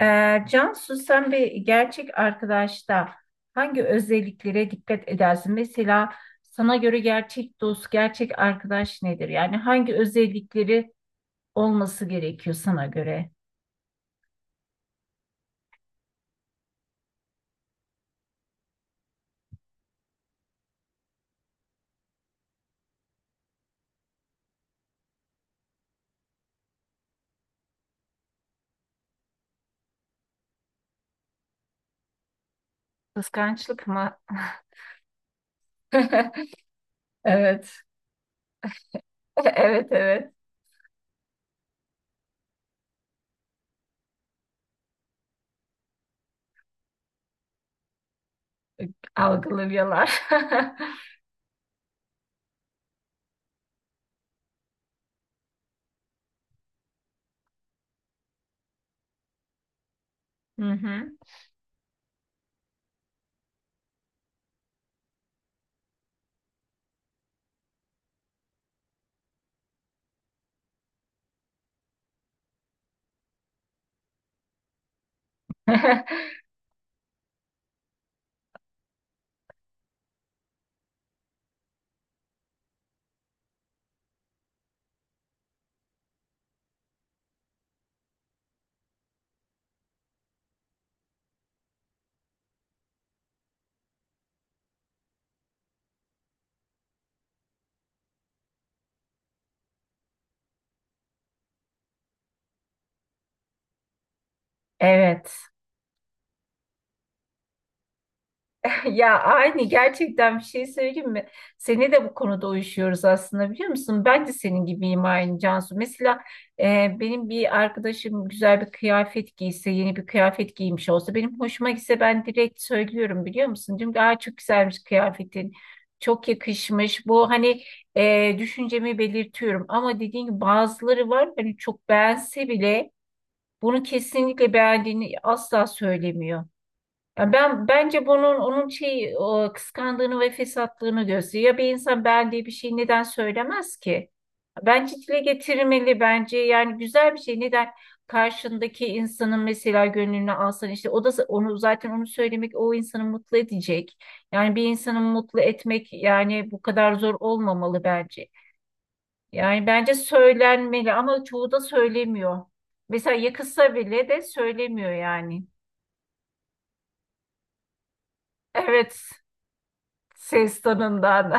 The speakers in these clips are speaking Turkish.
Cansu, sen bir gerçek arkadaşta hangi özelliklere dikkat edersin? Mesela sana göre gerçek dost, gerçek arkadaş nedir? Yani hangi özellikleri olması gerekiyor sana göre? Kıskançlık mı? Evet. Evet, evet, algılıyorlar. Hı hı. Evet. Ya aynı, gerçekten bir şey söyleyeyim mi? Seni de bu konuda uyuşuyoruz aslında, biliyor musun? Ben de senin gibiyim aynı Cansu. Mesela benim bir arkadaşım güzel bir kıyafet giyse, yeni bir kıyafet giymiş olsa benim hoşuma gitse, ben direkt söylüyorum biliyor musun? Diyorum ki "Aa, çok güzelmiş kıyafetin. Çok yakışmış." Bu hani düşüncemi belirtiyorum. Ama dediğin gibi bazıları var, hani çok beğense bile bunu kesinlikle beğendiğini asla söylemiyor. Ya ben bence bunun, onun şey, o kıskandığını ve fesatlığını gösteriyor. Ya bir insan ben diye bir şey neden söylemez ki? Bence dile getirmeli, bence yani güzel bir şey. Neden karşındaki insanın mesela gönlünü alsan, işte o da onu, zaten onu söylemek o insanı mutlu edecek. Yani bir insanı mutlu etmek yani bu kadar zor olmamalı bence. Yani bence söylenmeli ama çoğu da söylemiyor. Mesela yakışsa bile de söylemiyor yani. Evet. Ses tonundan.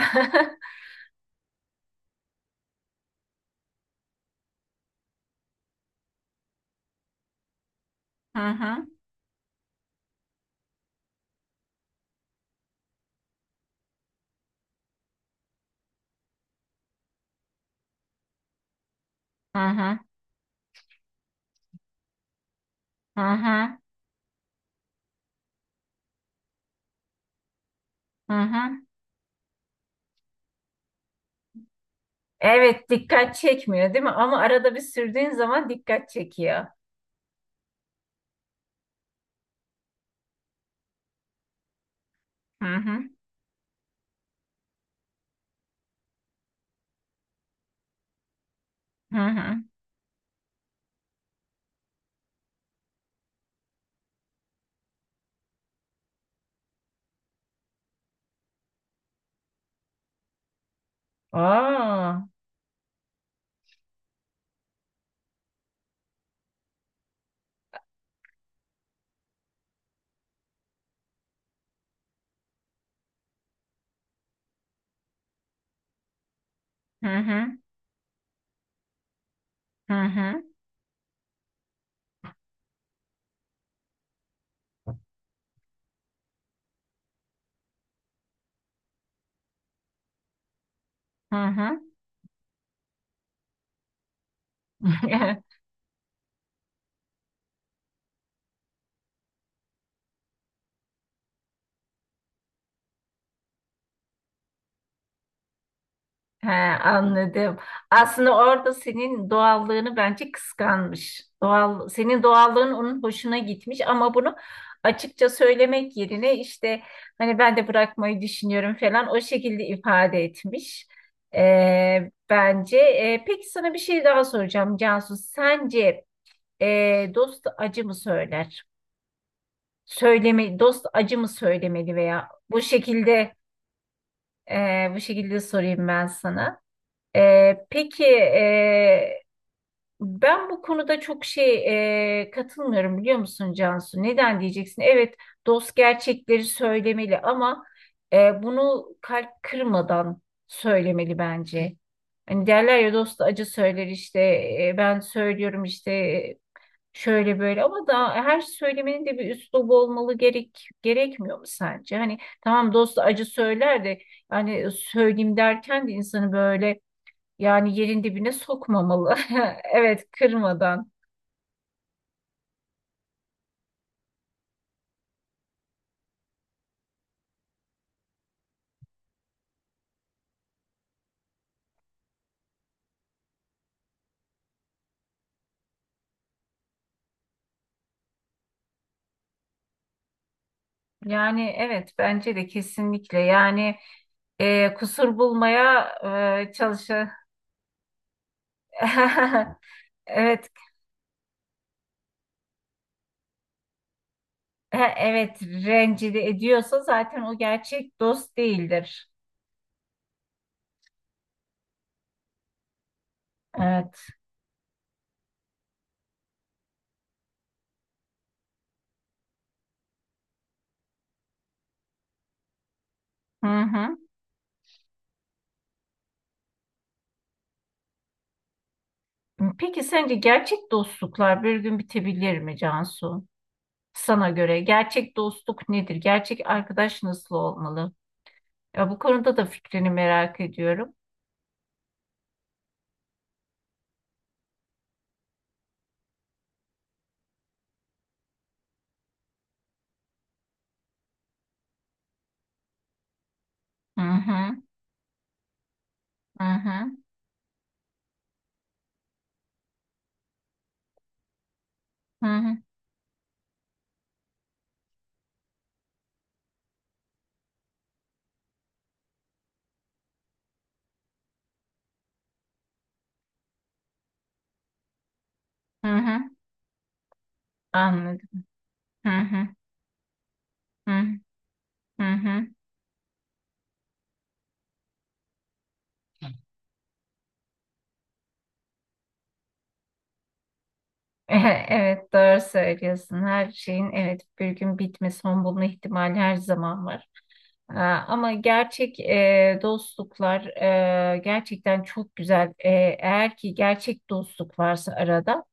Hı hı, hı hı, hı hı, hı hı. Evet, dikkat çekmiyor değil mi? Ama arada bir sürdüğün zaman dikkat çekiyor. Hı hı, hı hı. Aa, hı hı, hı hı, hı hı. He, anladım. Aslında orada senin doğallığını bence kıskanmış. Doğal, senin doğallığın onun hoşuna gitmiş ama bunu açıkça söylemek yerine işte hani ben de bırakmayı düşünüyorum falan o şekilde ifade etmiş. Bence. Peki sana bir şey daha soracağım Cansu. Sence dost acı mı söyler? Söyleme, dost acı mı söylemeli veya bu şekilde bu şekilde sorayım ben sana. Peki, ben bu konuda çok şey, katılmıyorum biliyor musun Cansu? Neden diyeceksin? Evet, dost gerçekleri söylemeli ama bunu kalp kırmadan söylemeli bence. Hani derler ya dost acı söyler işte, ben söylüyorum işte, şöyle böyle ama da her söylemenin de bir üslubu olmalı, gerek, gerekmiyor mu sence? Hani tamam dost acı söyler de hani söyleyeyim derken de insanı böyle yani yerin dibine sokmamalı. Evet, kırmadan. Yani evet, bence de kesinlikle. Yani kusur bulmaya çalışa. Evet, ha, evet, rencide ediyorsa zaten o gerçek dost değildir. Evet. Hı hı. Peki sence gerçek dostluklar bir gün bitebilir mi Cansu? Sana göre gerçek dostluk nedir? Gerçek arkadaş nasıl olmalı? Ya bu konuda da fikrini merak ediyorum. Hı hı. Hı hı. Hı hı, hı hı. Anladım. Hı hı, hı hı. Hı. Evet, doğru söylüyorsun. Her şeyin evet bir gün bitme, son bulma ihtimali her zaman var. Aa, ama gerçek dostluklar gerçekten çok güzel. Eğer ki gerçek dostluk varsa arada.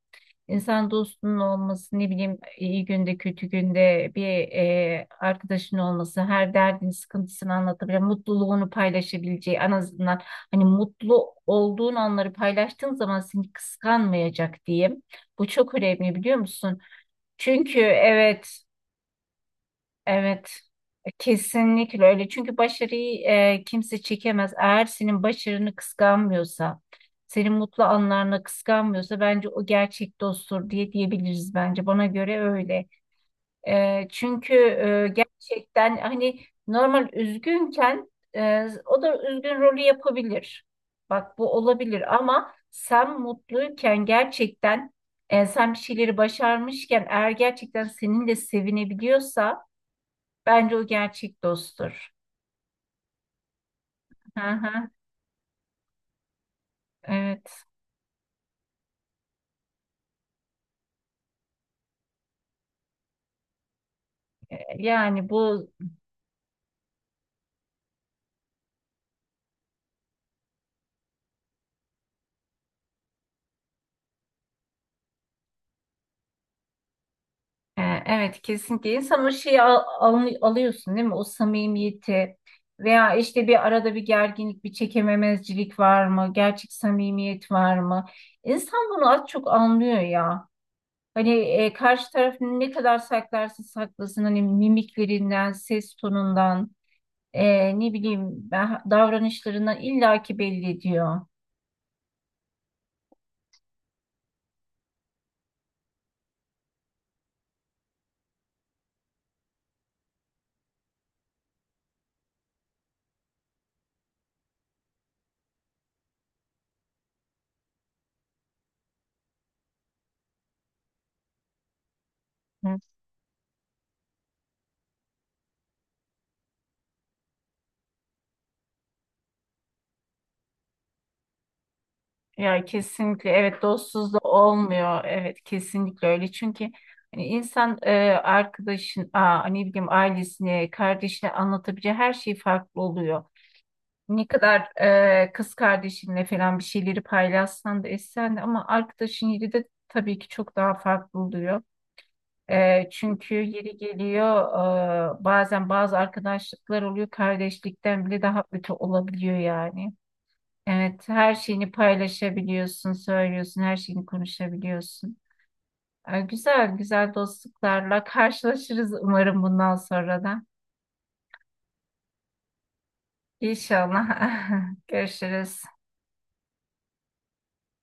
İnsan dostunun olması, ne bileyim, iyi günde kötü günde bir arkadaşın olması, her derdini sıkıntısını anlatabilen, mutluluğunu paylaşabileceği, en azından hani mutlu olduğun anları paylaştığın zaman seni kıskanmayacak diyeyim. Bu çok önemli biliyor musun? Çünkü evet. Evet, kesinlikle öyle. Çünkü başarıyı kimse çekemez. Eğer senin başarını kıskanmıyorsa, senin mutlu anlarını kıskanmıyorsa bence o gerçek dosttur diye diyebiliriz bence. Bana göre öyle. Çünkü gerçekten hani normal üzgünken, o da üzgün rolü yapabilir. Bak, bu olabilir ama sen mutluyken gerçekten sen bir şeyleri başarmışken eğer gerçekten seninle sevinebiliyorsa bence o gerçek dosttur. Hı hı, evet. Yani bu evet, kesinlikle insan o şeyi alıyorsun değil mi? O samimiyeti veya işte bir arada bir gerginlik, bir çekememezcilik var mı? Gerçek samimiyet var mı? İnsan bunu az çok anlıyor ya. Hani karşı taraf ne kadar saklarsa saklasın hani mimiklerinden, ses tonundan, ne bileyim ben davranışlarından illaki belli ediyor. Ya kesinlikle evet, dostsuz da olmuyor, evet kesinlikle öyle çünkü hani insan arkadaşın, aa, ne bileyim, ailesine kardeşine anlatabileceği her şey farklı oluyor. Ne kadar kız kardeşinle falan bir şeyleri paylaşsan da, etsen de, ama arkadaşın yeri de tabii ki çok daha farklı oluyor. Çünkü yeri geliyor bazen bazı arkadaşlıklar oluyor kardeşlikten bile daha kötü olabiliyor yani. Evet, her şeyini paylaşabiliyorsun, söylüyorsun, her şeyini konuşabiliyorsun. Güzel, güzel dostluklarla karşılaşırız umarım bundan sonra da. İnşallah. Görüşürüz.